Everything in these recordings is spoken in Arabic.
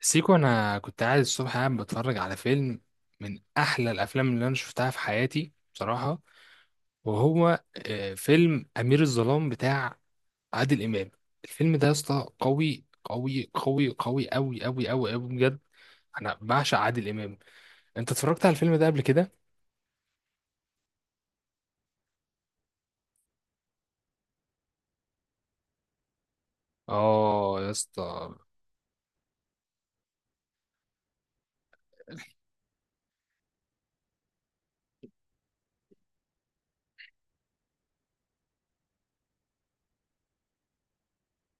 سيكو، انا كنت قاعد الصبح قاعد بتفرج على فيلم من احلى الافلام اللي انا شفتها في حياتي بصراحه. وهو فيلم امير الظلام بتاع عادل امام. الفيلم ده يا اسطى قوي قوي قوي قوي قوي قوي قوي قوي بجد. انا بعشق عادل امام. انت اتفرجت على الفيلم ده قبل كده؟ اه يا اسطى.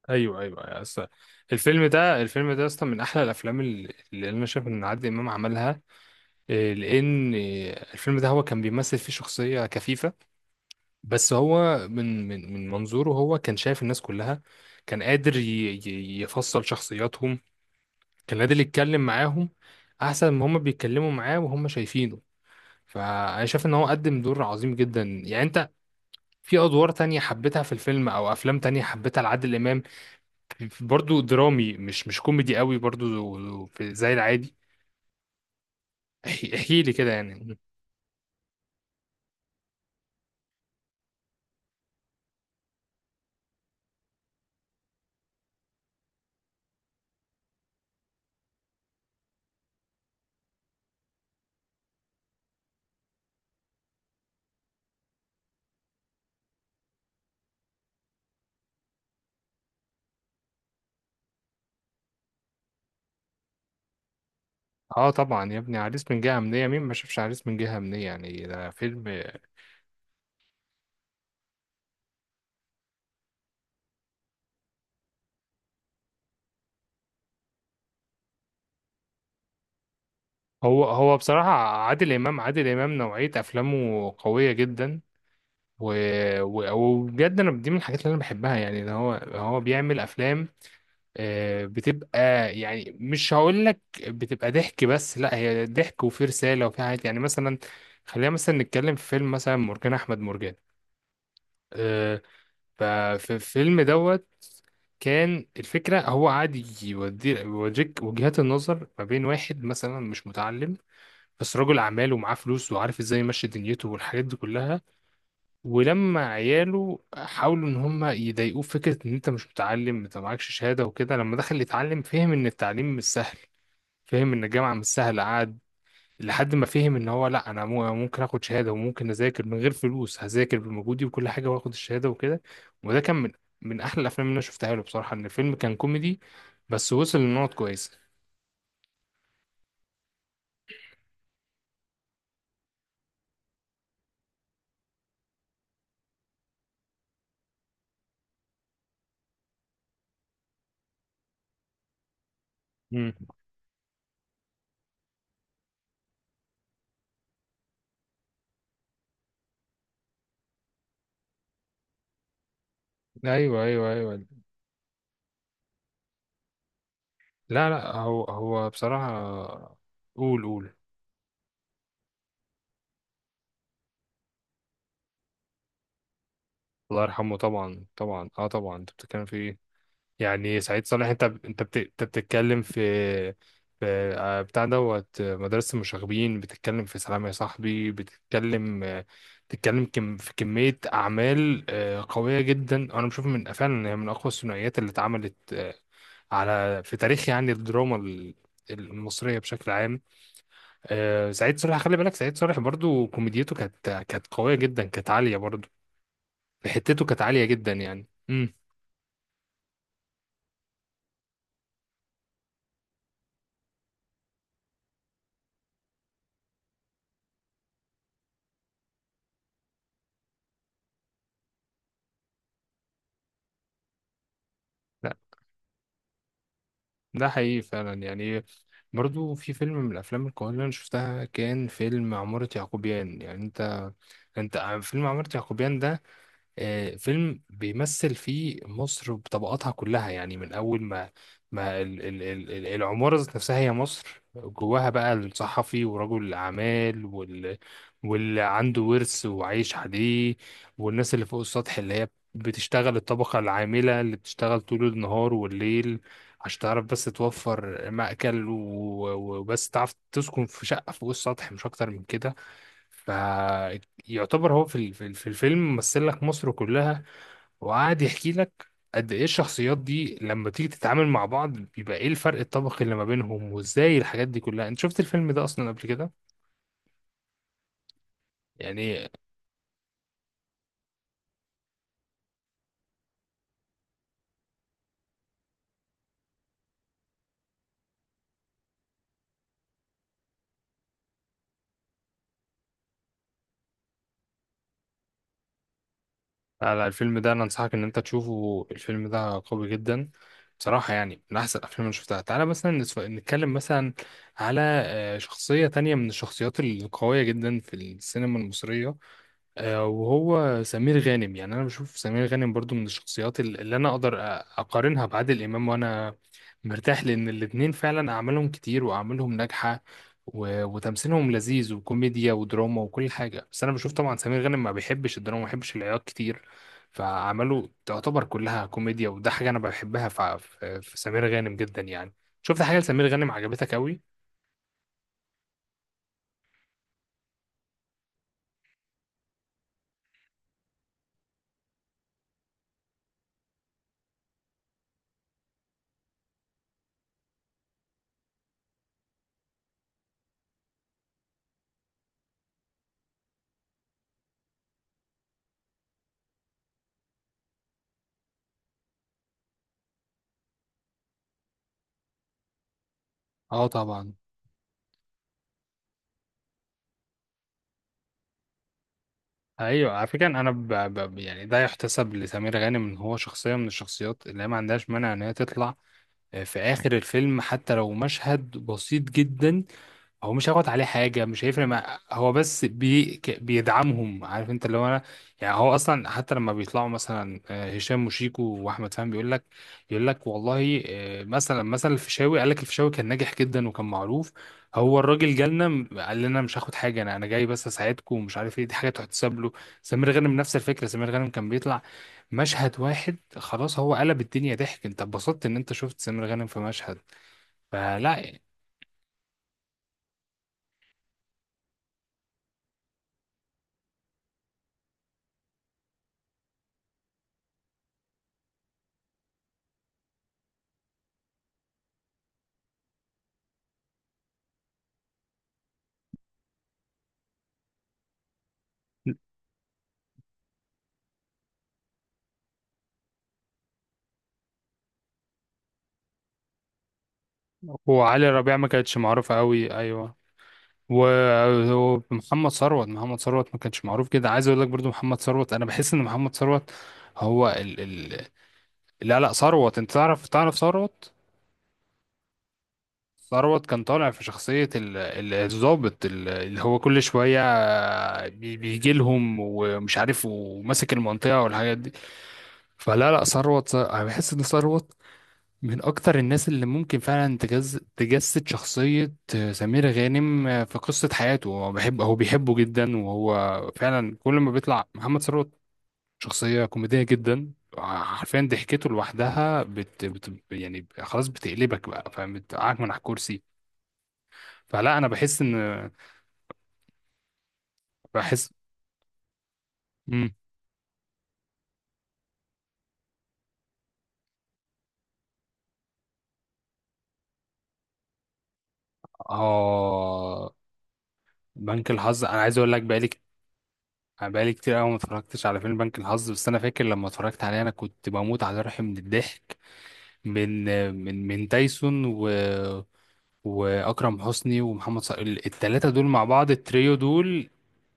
ايوه ايوه يا اسطى. الفيلم ده يا اسطى من احلى الافلام اللي انا شايف ان عادل امام عملها. لان الفيلم ده هو كان بيمثل فيه شخصيه كفيفه، بس هو من منظوره هو كان شايف الناس كلها، كان قادر يفصل شخصياتهم، كان قادر يتكلم معاهم احسن ما هم بيتكلموا معاه وهم شايفينه. فانا شايف ان هو قدم دور عظيم جدا. يعني انت في ادوار تانية حبيتها في الفيلم او افلام تانية حبيتها لعادل امام برضو درامي مش كوميدي قوي برضو زي العادي، احكي لي كده يعني. اه طبعا يا ابني، عريس من جهة أمنية، مين ما شافش عريس من جهة أمنية، يعني ده فيلم. هو هو بصراحة، عادل إمام نوعية أفلامه قوية جدا. و... وبجد أنا دي من الحاجات اللي أنا بحبها، يعني إن هو بيعمل أفلام بتبقى، يعني مش هقول لك بتبقى ضحك بس، لا هي ضحك وفي رسالة وفي حاجات. يعني مثلا خلينا مثلا نتكلم في فيلم مثلا مرجان أحمد مرجان. آه، ففي الفيلم دوت كان الفكرة هو قاعد يوريك وجهات النظر ما بين واحد مثلا مش متعلم بس رجل اعمال ومعاه فلوس وعارف ازاي يمشي دنيته والحاجات دي كلها. ولما عياله حاولوا ان هم يضايقوه فكره ان انت مش متعلم انت معكش شهاده وكده، لما دخل يتعلم فهم ان التعليم مش سهل، فهم ان الجامعه مش سهله. قعد لحد ما فهم ان هو لا، انا ممكن اخد شهاده وممكن اذاكر من غير فلوس، هذاكر بمجهودي وكل حاجه واخد الشهاده وكده. وده كان من من احلى الافلام اللي انا شفتها له بصراحه، ان الفيلم كان كوميدي بس وصل لنقط كويسه. امم. ايوه ايوه ايوه. لا لا، هو هو بصراحة، قول قول. الله يرحمه طبعا طبعا. اه طبعا، انت بتتكلم في ايه؟ يعني سعيد صالح، انت انت انت بتتكلم في في بتاع دوت مدرسة المشاغبين، بتتكلم في سلام يا صاحبي، بتتكلم بتتكلم في كمية أعمال قوية جدا. أنا بشوف من فعلا إن هي من أقوى الثنائيات اللي اتعملت على في تاريخ يعني الدراما المصرية بشكل عام. سعيد صالح، خلي بالك، سعيد صالح برضو كوميديته كانت قوية جدا، كانت عالية برضو، حتته كانت عالية جدا يعني. امم. لا ده حقيقي فعلا يعني. برضو في فيلم من الأفلام القوية اللي أنا شفتها كان فيلم عمارة يعقوبيان. يعني أنت، أنت فيلم عمارة يعقوبيان ده فيلم بيمثل فيه مصر بطبقاتها كلها. يعني من أول ما ما العمارة ذات نفسها هي مصر، جواها بقى الصحفي ورجل الأعمال واللي عنده ورث وعايش عليه، والناس اللي فوق السطح اللي هي بتشتغل، الطبقة العاملة اللي بتشتغل طول النهار والليل عشان تعرف بس توفر مأكل وبس تعرف تسكن في شقة فوق السطح مش أكتر من كده. فيعتبر هو في الفيلم مثل لك مصر كلها. وقعد يحكي لك قد ايه الشخصيات دي لما تيجي تتعامل مع بعض بيبقى ايه الفرق الطبقي اللي ما بينهم وازاي الحاجات دي كلها. انت شفت الفيلم ده اصلا قبل كده؟ يعني لا لا، الفيلم ده انا انصحك ان انت تشوفه، الفيلم ده قوي جدا بصراحة، يعني من احسن الافلام اللي شفتها. تعالى مثلا نتكلم مثلا على شخصية تانية من الشخصيات القوية جدا في السينما المصرية، وهو سمير غانم. يعني انا بشوف سمير غانم برضو من الشخصيات اللي انا اقدر اقارنها بعادل امام، وانا مرتاح لان الاتنين فعلا اعمالهم كتير واعمالهم ناجحه وتمثيلهم لذيذ وكوميديا ودراما وكل حاجه. بس انا بشوف طبعا سمير غانم ما بيحبش الدراما ما بيحبش العياط كتير، فاعماله تعتبر كلها كوميديا، وده حاجه انا بحبها في سمير غانم جدا يعني. شفت حاجه لسمير غانم عجبتك قوي؟ اه طبعا. ايوه على فكره انا يعني ده يحتسب لسمير غانم ان هو شخصيه من الشخصيات اللي هي ما عندهاش مانع ان هي تطلع في آخر الفيلم حتى لو مشهد بسيط جدا. هو مش هياخد عليه حاجة، مش هيفرق مع هو بس بيدعمهم. عارف انت اللي هو انا يعني، هو اصلا حتى لما بيطلعوا مثلا هشام وشيكو واحمد فهمي بيقول لك، يقول لك والله مثلا الفيشاوي قال لك الفيشاوي كان ناجح جدا وكان معروف. هو الراجل جالنا قال لنا مش هاخد حاجة، انا انا جاي بس اساعدكم ومش عارف ايه، دي حاجة تحتسب له. سمير غانم نفس الفكرة، سمير غانم كان بيطلع مشهد واحد خلاص، هو قلب الدنيا ضحك، انت اتبسطت ان انت شفت سمير غانم في مشهد. فلا. وعلي ربيع ما كانتش معروفة قوي، ايوه. و- ومحمد ثروت، محمد ثروت ما كانش معروف كده. عايز اقول لك برضو محمد ثروت، انا بحس ان محمد ثروت هو ال لا لا، ثروت، انت تعرف تعرف ثروت. ثروت كان طالع في شخصية الضابط اللي هو كل شوية بيجي لهم ومش عارف وماسك المنطقة والحاجات دي. فلا لا ثروت، انا بحس ان ثروت من اكتر الناس اللي ممكن فعلا تجسد شخصية سمير غانم. في قصة حياته هو بيحب، هو بيحبه جدا، وهو فعلا كل ما بيطلع محمد ثروت شخصية كوميدية جدا، حرفيا ضحكته لوحدها يعني خلاص بتقلبك بقى، فاهم، بتقعك من على الكرسي. فلا انا بحس ان بحس مم. اه. بنك الحظ انا عايز اقول لك بقالي، انا بقالي كتير قوي ما اتفرجتش على فيلم بنك الحظ. بس انا فاكر لما اتفرجت عليه انا كنت بموت على روحي من الضحك، من من تايسون واكرم حسني ومحمد صلاح. الثلاثه دول مع بعض، التريو دول،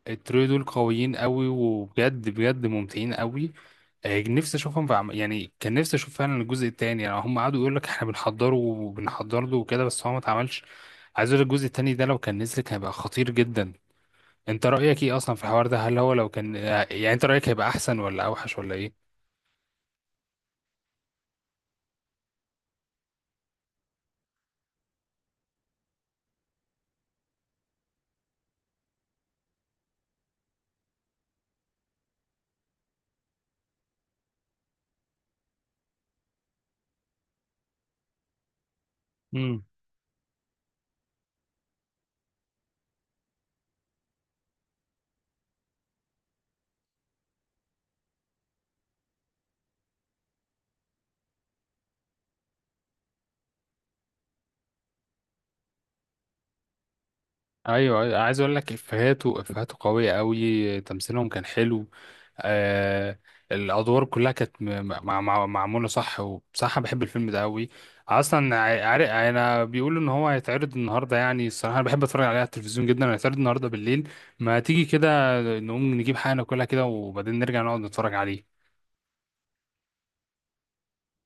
التريو دول قويين قوي وبجد بجد ممتعين قوي. نفسي اشوفهم يعني كان نفسي اشوف فعلا الجزء الثاني. يعني هم قعدوا يقول لك احنا بنحضره وبنحضر له وكده بس هو ما اتعملش. عايز اقول لك الجزء الثاني ده لو كان نزل كان هيبقى خطير جدا. انت رأيك ايه اصلا في الحوار ده؟ هل هو لو كان يعني، انت رأيك هيبقى احسن ولا اوحش ولا ايه؟ امم. ايوه أيوة، عايز اقول لك افهاته، افهاته قوية قوي، تمثيلهم كان حلو. آه الادوار كلها كانت م- مع مع معمولة صح، وبصراحة بحب الفيلم ده قوي اصلا. عارف انا بيقولوا ان هو هيتعرض النهارده يعني، الصراحة انا بحب اتفرج عليه على التلفزيون جدا. هيتعرض النهارده بالليل، ما تيجي كده نقوم نجيب حاجة ناكلها كده وبعدين نرجع نقعد نتفرج عليه.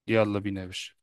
يلا بينا يا باشا.